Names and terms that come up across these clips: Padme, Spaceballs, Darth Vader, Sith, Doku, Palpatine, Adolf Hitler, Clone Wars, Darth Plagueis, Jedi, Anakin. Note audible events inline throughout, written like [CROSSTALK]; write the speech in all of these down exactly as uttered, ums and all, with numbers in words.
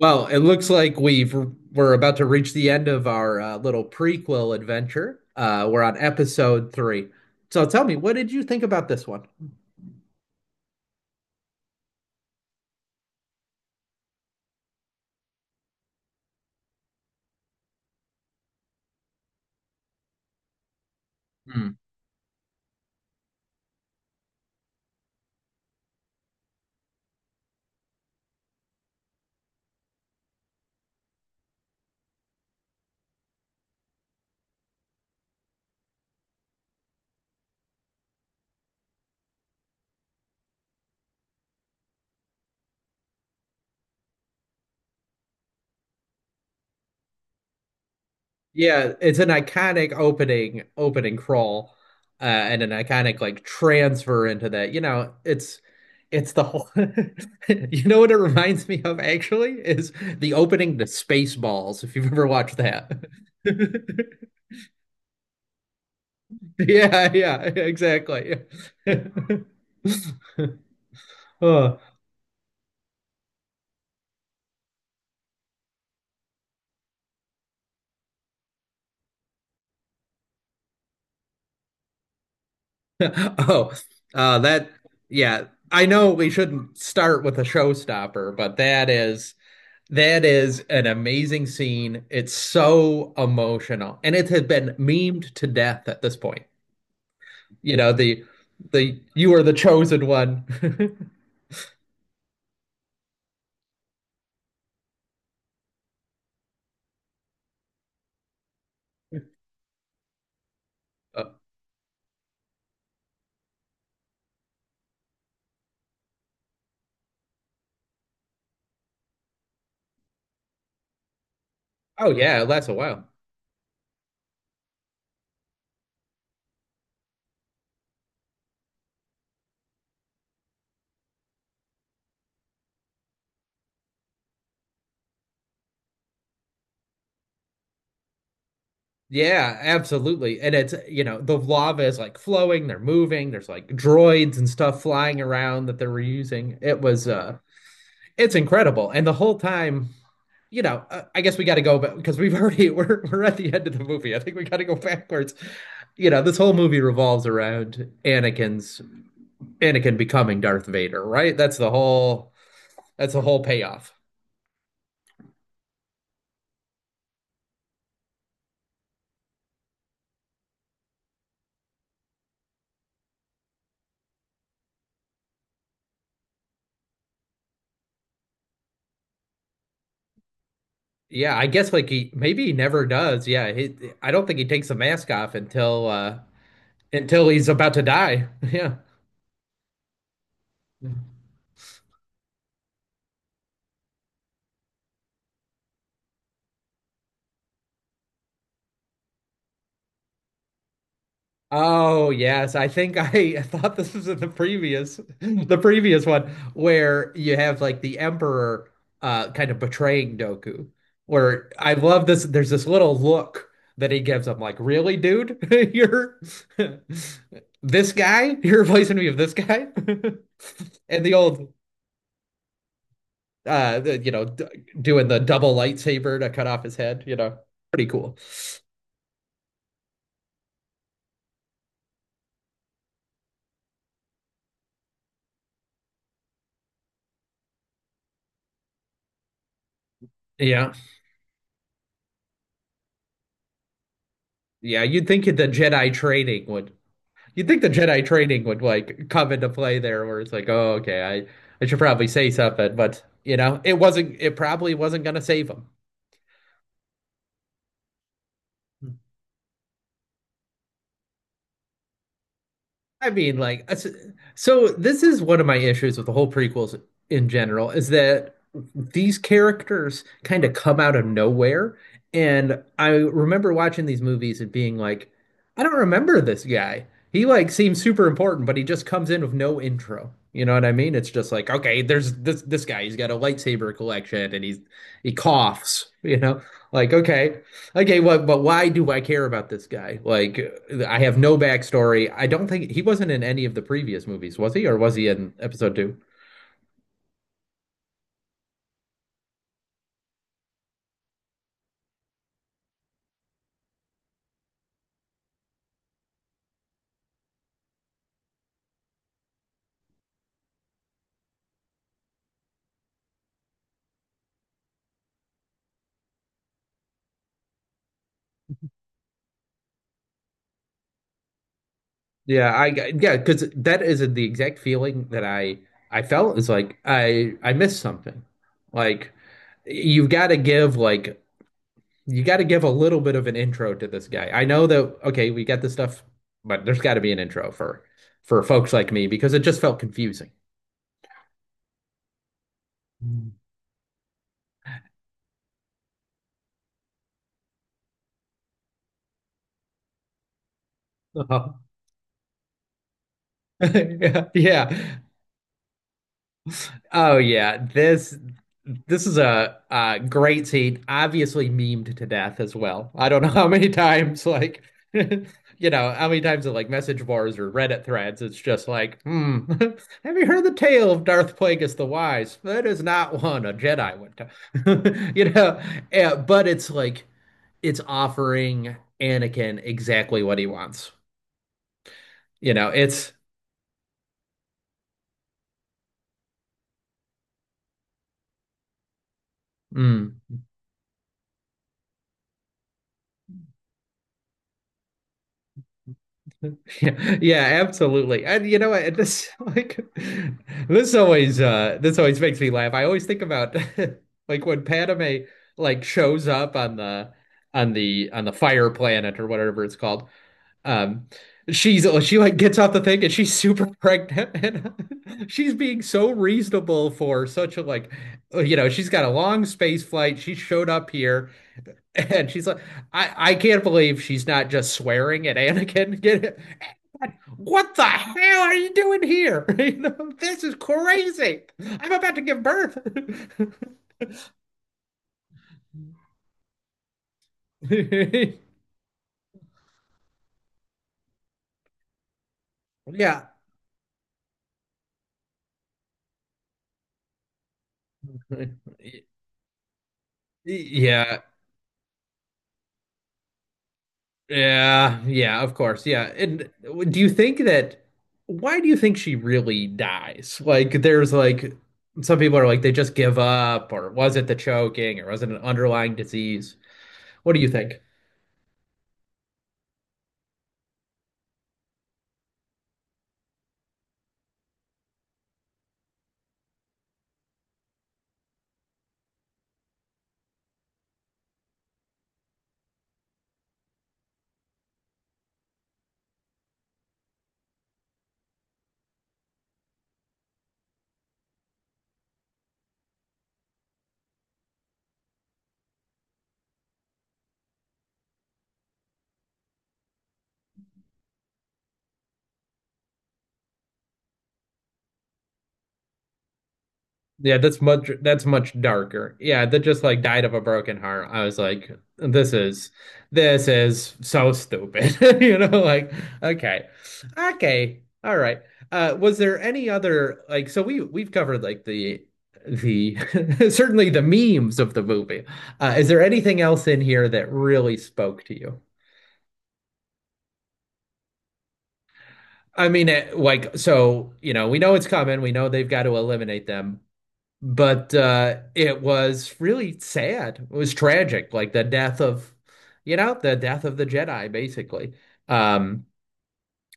Well, it looks like we've we're about to reach the end of our uh, little prequel adventure. Uh, we're on episode three. So tell me, what did you think about this one? Hmm. Yeah, it's an iconic opening opening crawl, uh, and an iconic like transfer into that. You know, it's it's the whole. [LAUGHS] You know what it reminds me of actually is the opening to Spaceballs, if you've ever watched that. [LAUGHS] Yeah, yeah, exactly. [LAUGHS] Uh, [LAUGHS] Oh, uh, that, yeah. I know we shouldn't start with a showstopper, but that is that is an amazing scene. It's so emotional, and it has been memed to death at this point. You know, the the you are the chosen one. [LAUGHS] Uh, Oh yeah, it lasts a while. Yeah, absolutely. And it's, you know, the lava is like flowing, they're moving, there's like droids and stuff flying around that they were using. It was uh it's incredible. And the whole time you know, uh, I guess we got to go, but because we've [LAUGHS] already we're we're at the end of the movie, I think we got to go backwards. You know, this whole movie revolves around Anakin's Anakin becoming Darth Vader, right? That's the whole that's the whole payoff. Yeah, I guess like he maybe he never does. Yeah, he, I don't think he takes the mask off until uh until he's about to die. [LAUGHS] Yeah. Oh, yes. I think I [LAUGHS] thought this was in the previous [LAUGHS] the previous one where you have like the emperor uh kind of betraying Doku. Where I love this there's this little look that he gives him like, "Really, dude? [LAUGHS] You're [LAUGHS] this guy? You're replacing me with this guy?" [LAUGHS] And the old uh the, you know d doing the double lightsaber to cut off his head, you know, pretty cool. yeah yeah, you'd think the Jedi training would you'd think the Jedi training would like come into play there where it's like, oh okay, I I should probably say something, but you know it wasn't, it probably wasn't gonna save him. I mean, like, uh, s- so this is one of my issues with the whole prequels in general is that these characters kind of come out of nowhere. And I remember watching these movies and being like, I don't remember this guy. He like seems super important, but he just comes in with no intro. You know what I mean? It's just like, okay, there's this this guy. He's got a lightsaber collection and he's he coughs, you know? Like, okay. Okay, well, but why do I care about this guy? Like, I have no backstory. I don't think he wasn't in any of the previous movies, was he? Or was he in episode two? Yeah, I yeah, because that is the exact feeling that I I felt, is like I I missed something. Like, you've got to give like you got to give a little bit of an intro to this guy. I know that okay, we got this stuff, but there's got to be an intro for for folks like me because it just felt confusing. Mm. [LAUGHS] Yeah, yeah. Oh yeah, this this is a, uh, great scene, obviously memed to death as well. I don't know [LAUGHS] how many times, like, [LAUGHS] you know, how many times in like message boards or Reddit threads, it's just like, hmm, [LAUGHS] have you heard the tale of Darth Plagueis the Wise? That is not one a Jedi would tell, [LAUGHS] you know. eh, but it's like it's offering Anakin exactly what he wants. You know, it's. mm. [LAUGHS] Yeah, yeah, absolutely. And you know what? This [LAUGHS] like this always uh this always makes me laugh. I always think about [LAUGHS] like when Padme like shows up on the on the on the fire planet or whatever it's called. Um she's she like gets off the thing and she's super pregnant [LAUGHS] and she's being so reasonable for such a like, you know, she's got a long space flight. She showed up here [LAUGHS] and she's like I I can't believe she's not just swearing at Anakin. [LAUGHS] Get it? What the hell are you doing here? [LAUGHS] You know, this is crazy. I'm about to give birth. [LAUGHS] Yeah. Yeah. Yeah. Yeah, of course. Yeah. And do you think that why do you think she really dies? Like there's like, some people are like they just give up, or was it the choking, or was it an underlying disease? What do you think? Yeah, that's much that's much darker. Yeah, that just like died of a broken heart. I was like, this is this is so stupid. [LAUGHS] You know, like, okay. Okay. All right. Uh was there any other like, so we we've covered like the the [LAUGHS] certainly the memes of the movie. Uh, is there anything else in here that really spoke to you? I mean, it, like, so, you know, we know it's coming. We know they've got to eliminate them. But uh it was really sad. It was tragic, like the death of, you know, the death of the Jedi, basically. Um,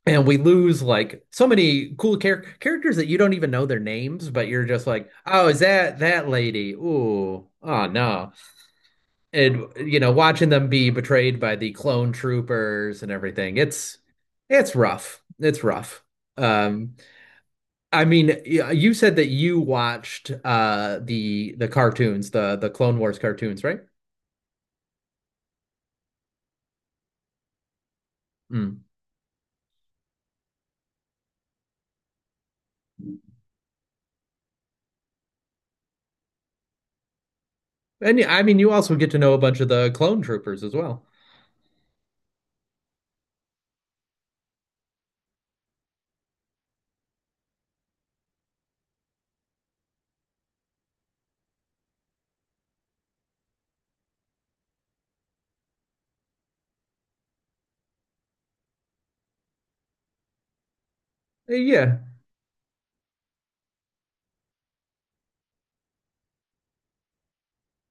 and we lose like so many cool char characters that you don't even know their names, but you're just like, oh, is that that lady? Ooh, oh no. And you know, watching them be betrayed by the clone troopers and everything, it's it's rough. It's rough. Um, I mean, yeah, you said that you watched uh the the cartoons, the the Clone Wars cartoons, right? Mm. And yeah, I mean, you also get to know a bunch of the clone troopers as well. Uh, Yeah,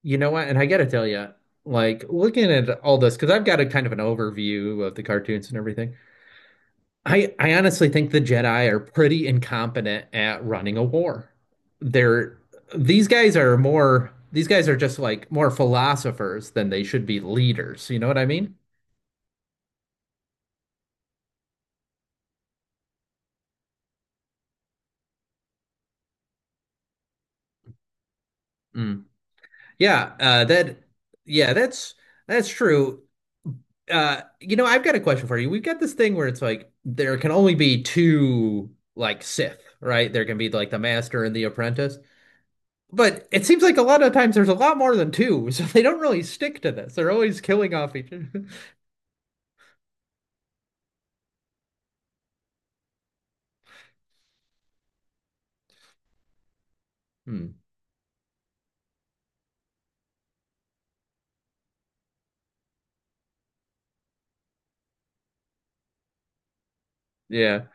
you know what? And I gotta tell you, like looking at all this, because I've got a kind of an overview of the cartoons and everything. I I honestly think the Jedi are pretty incompetent at running a war. They're these guys are more these guys are just like more philosophers than they should be leaders. You know what I mean? Mm. Yeah, uh, that yeah, that's that's true. Uh, you know, I've got a question for you. We've got this thing where it's like there can only be two like Sith, right? There can be like the master and the apprentice. But it seems like a lot of times there's a lot more than two, [LAUGHS] so they don't really stick to this. They're always killing off each other. [LAUGHS] Hmm. Yeah.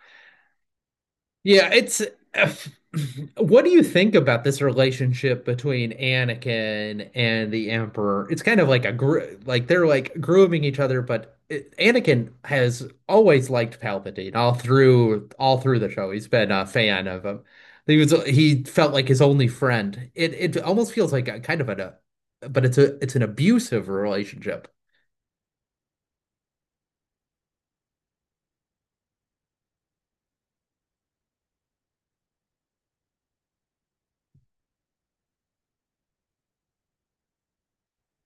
Yeah, it's [SIGHS] [LAUGHS] what do you think about this relationship between Anakin and the Emperor? It's kind of like a gr like they're like grooming each other, but it, Anakin has always liked Palpatine all through all through the show. He's been a fan of him. He was he felt like his only friend. It it almost feels like a kind of an a, but it's a it's an abusive relationship.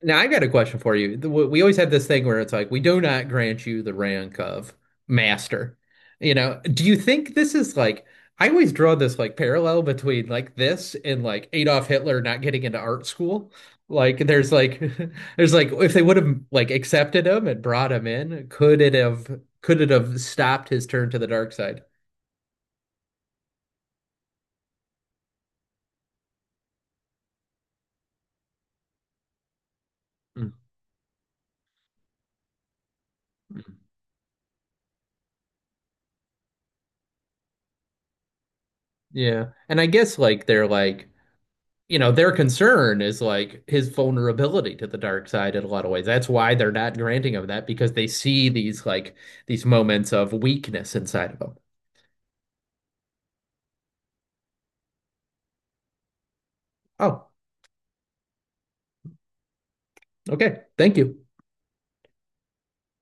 Now I've got a question for you. The- We always have this thing where it's like, we do not grant you the rank of master. You know, do you think this is like, I always draw this like parallel between like this and like Adolf Hitler not getting into art school. Like there's like [LAUGHS] there's like, if they would have like accepted him and brought him in, could it have could it have stopped his turn to the dark side? Mm, mm. Yeah. And I guess like they're like, you know, their concern is like his vulnerability to the dark side in a lot of ways. That's why they're not granting him that because they see these like these moments of weakness inside of him. Oh, okay. Thank you.